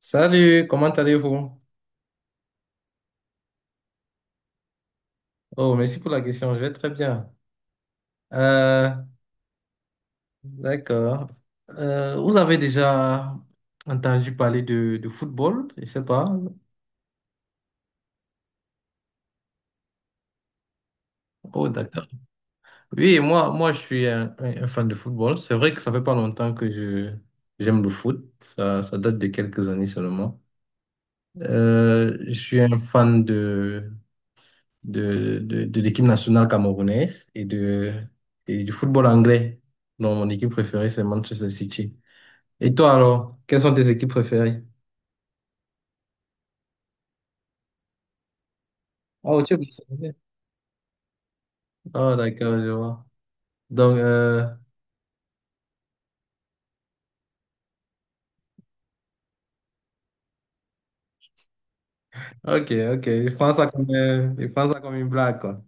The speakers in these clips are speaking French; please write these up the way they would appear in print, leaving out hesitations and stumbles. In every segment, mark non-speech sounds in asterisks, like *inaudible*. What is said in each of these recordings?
Salut, comment allez-vous? Oh, merci pour la question, je vais très bien. Euh, d'accord. Vous avez déjà entendu parler de football, je sais pas. Oh, d'accord. Oui, moi, je suis un fan de football. C'est vrai que ça fait pas longtemps que je j'aime le foot. Ça date de quelques années seulement. Je suis un fan de l'équipe nationale camerounaise et et du football anglais. Non, mon équipe préférée, c'est Manchester City. Et toi alors, quelles sont tes équipes préférées? Oh, tu es Barcelonais. Oh, d'accord, je vois. Donc, euh, ok, ok. Je prends ça comme je prends ça comme une blague, quoi.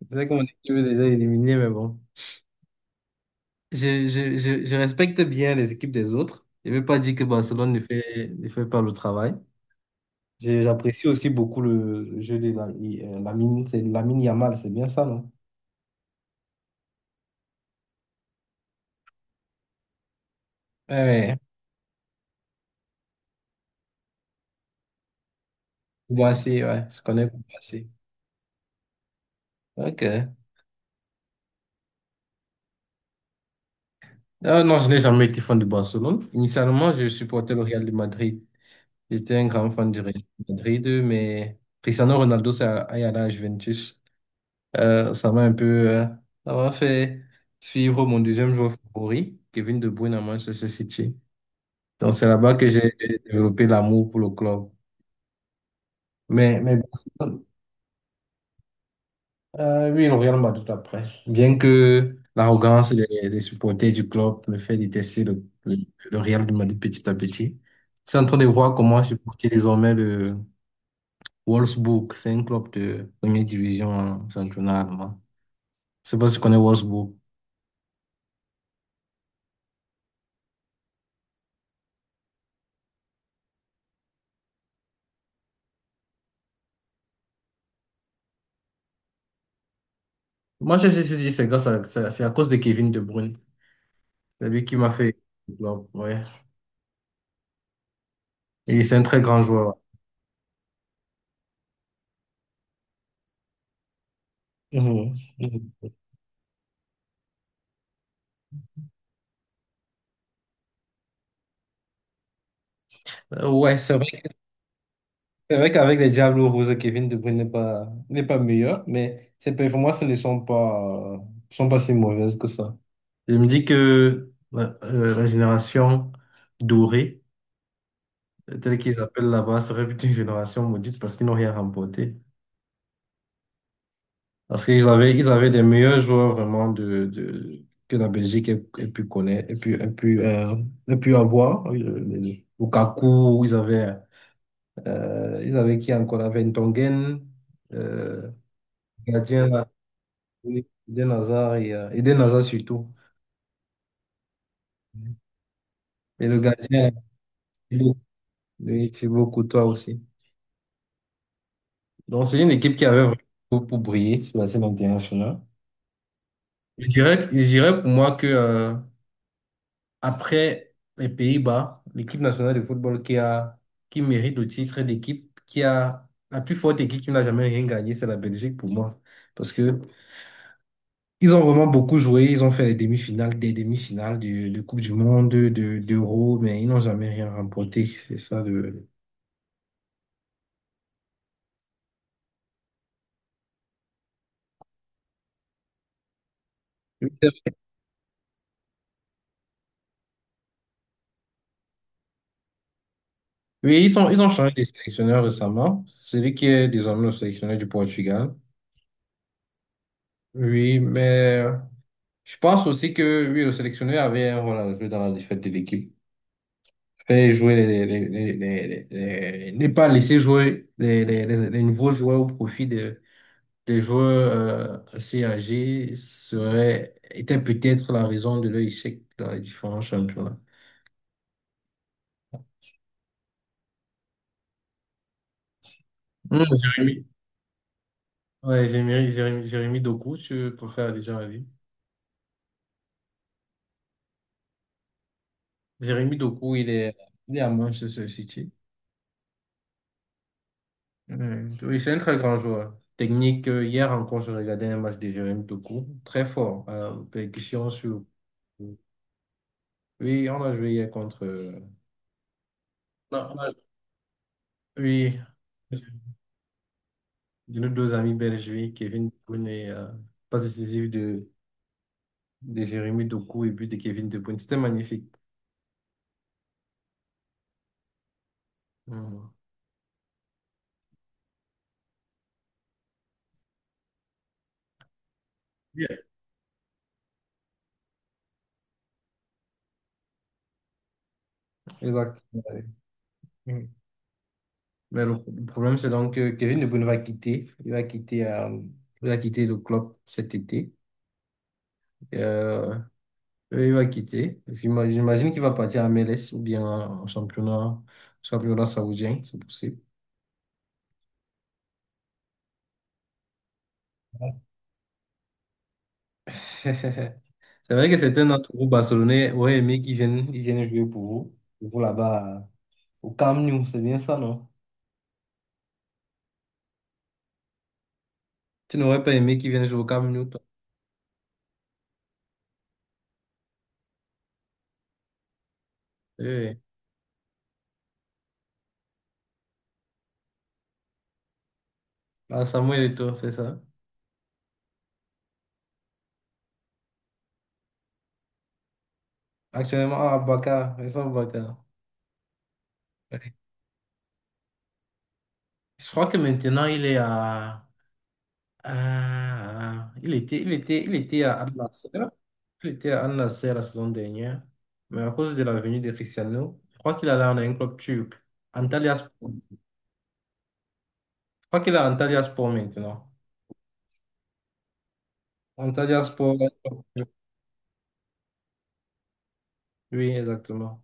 C'est comme que mon équipe est déjà éliminée, mais bon. Je respecte bien les équipes des autres. Je ne veux pas dire que Barcelone ne fait pas le travail. J'apprécie aussi beaucoup le jeu de la, Lamine, c'est Lamine Yamal, c'est bien ça, non? Ouais, ouais. Moi aussi, ouais. Je connais Koubassi. Ok. Ah non, je n'ai jamais été fan de Barcelone. Initialement, je supportais le Real de Madrid. J'étais un grand fan du Real de Madrid, mais Cristiano Ronaldo s'est allé à la Juventus. Euh, ça m'a un peu, euh, Ça m'a fait suivre mon deuxième joueur favori, Kevin De Bruyne à Manchester City. Donc c'est là-bas que j'ai développé l'amour pour le club. Mais oui, le Real m'a match tout après. Bien que l'arrogance des supporters du club me fait détester le Real de Madrid petit à petit. Je suis en train de voir comment supporter désormais le Wolfsburg. C'est un club de première division en championnat allemand. Je sais pas si tu connais Wolfsburg. Moi, je sais si c'est grâce à, c'est à cause de Kevin De Bruyne. C'est lui qui m'a fait le club, ouais. Et c'est un très grand joueur. Mhm. Mhm. Euh, Ouais, c'est C'est vrai qu'avec les Diables rouges Kevin De Bruyne n'est pas meilleur, mais ses performances ne sont pas si mauvaises que ça. Je me dis que ouais, la génération dorée, telle qu'ils appellent là-bas, serait plutôt une génération maudite parce qu'ils n'ont rien remporté. Parce ils avaient des meilleurs joueurs vraiment que la Belgique ait, ait pu connaître, ait pu, ait pu, ait pu avoir. Lukaku, ils avaient qui encore? Ils avaient Ntongen, euh, gardien. Oui, Eden Hazard surtout. Et le gardien, Thibaut, oui, Thibaut Courtois aussi. Donc, c'est une équipe qui avait vraiment tout pour briller sur la scène internationale. Je dirais pour moi que, après les Pays-Bas, l'équipe nationale de football qui mérite le titre d'équipe, qui a la plus forte équipe qui n'a jamais rien gagné, c'est la Belgique pour moi. Parce que Ils ont vraiment beaucoup joué, ils ont fait les demi-finales, des demi-finales de Coupe du Monde, d'Euro, mais ils n'ont jamais rien remporté. C'est ça le... Oui, ils ont changé de sélectionneur récemment, celui qui est désormais le sélectionneur du Portugal. Oui, mais je pense aussi que oui, le sélectionneur avait un rôle à jouer dans la défaite de l'équipe. Fait jouer les, ne pas laisser jouer les nouveaux joueurs au profit des joueurs assez âgés était peut-être la raison de leur échec dans les différents championnats. Hmm, Jérémy. Ouais, Jérémy Doku, je préfère déjà la vie. Jérémy Doku, il est à Manchester City. Oui, c'est un très grand joueur. Technique, hier encore, je regardais un match de Jérémy Doku, très fort, percussion sur. Oui, on a joué hier contre. Non, on a- Oui, de nos deux amis belges, oui, Kevin De Bruyne et passe décisive de Jérémy Doku et but de Kevin De Bruyne. C'était magnifique. Mm. Bien. Exact. Ouais. Mm. Mais le problème, c'est donc que Kevin De Bruyne va quitter. Il va quitter le club cet été. Euh, il va quitter. J'imagine qu'il va partir à MLS ou bien en championnat, championnat saoudien, c'est possible. *laughs* C'est vrai que certains d'entre vous, Barcelonais, auraient aimé ils viennent jouer pour vous là-bas. Au Camp Nou, c'est bien ça, non? Tu n'aurais pas aimé qu'il vienne jouer au Camp Nou, toi. Oui, oui. Ah, Samuel Eto'o, c'est ça. Actuellement, à Bakar, Essao Bakar. Oui. Je crois que maintenant, il est à... il était à Al Nassr. Il était à Al Nassr la saison dernière. Mais à cause de la venue de Cristiano, je crois qu'il allait en un club turc. Antalyaspor. Je crois qu'il est à Antalyaspor maintenant. Antalyaspor. Oui, exactement.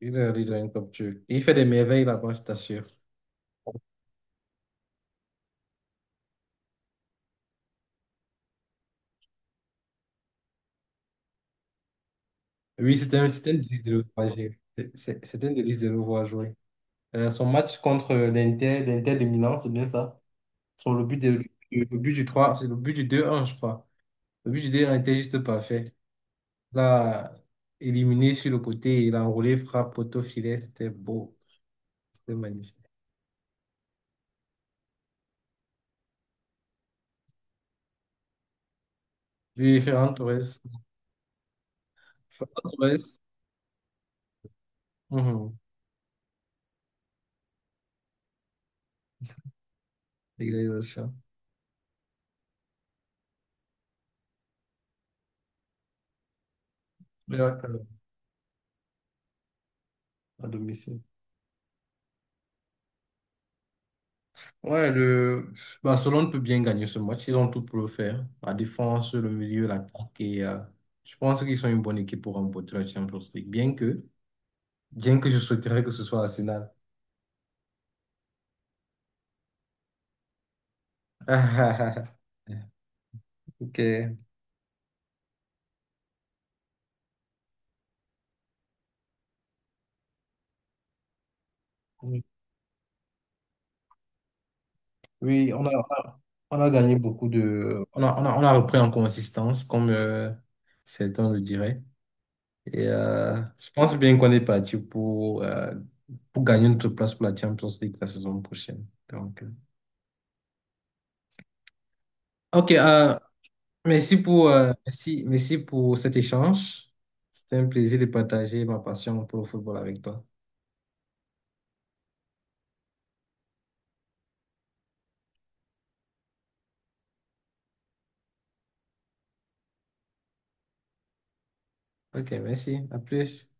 Il est un comme Dieu. Il fait des merveilles là-bas, je t'assure. Oui, c'était un délice de le voir jouer. C'est- C'était un délice de le voir jouer. Son match contre l'Inter, l'Inter de Milan, c'est bien ça. Sur le but, le but du 3, c'est le but du deux un, je crois. Le but du deux un, était juste parfait. Là, éliminé sur le côté, il a enroulé, frappe, poteau, filet, c'était beau. C'était magnifique. Wie Verantwortung. Verantwortung. Mhm. Égalisation. Mais ouais, euh, à domicile. Ouais, le Barcelone peut bien gagner ce match. Ils ont tout pour le faire. La défense, le milieu, l'attaque. Je pense qu'ils sont une bonne équipe pour remporter la Champions League. Bien que je souhaiterais que ce soit Arsenal. *laughs* Ok. Oui, on a gagné beaucoup de. On a repris en consistance, comme certains le diraient. Et je pense bien qu'on est parti pour gagner notre place pour la Champions League la saison prochaine. Ok, euh, merci merci pour cet échange. C'était un plaisir de partager ma passion pour le football avec toi. Ok, merci. À plus.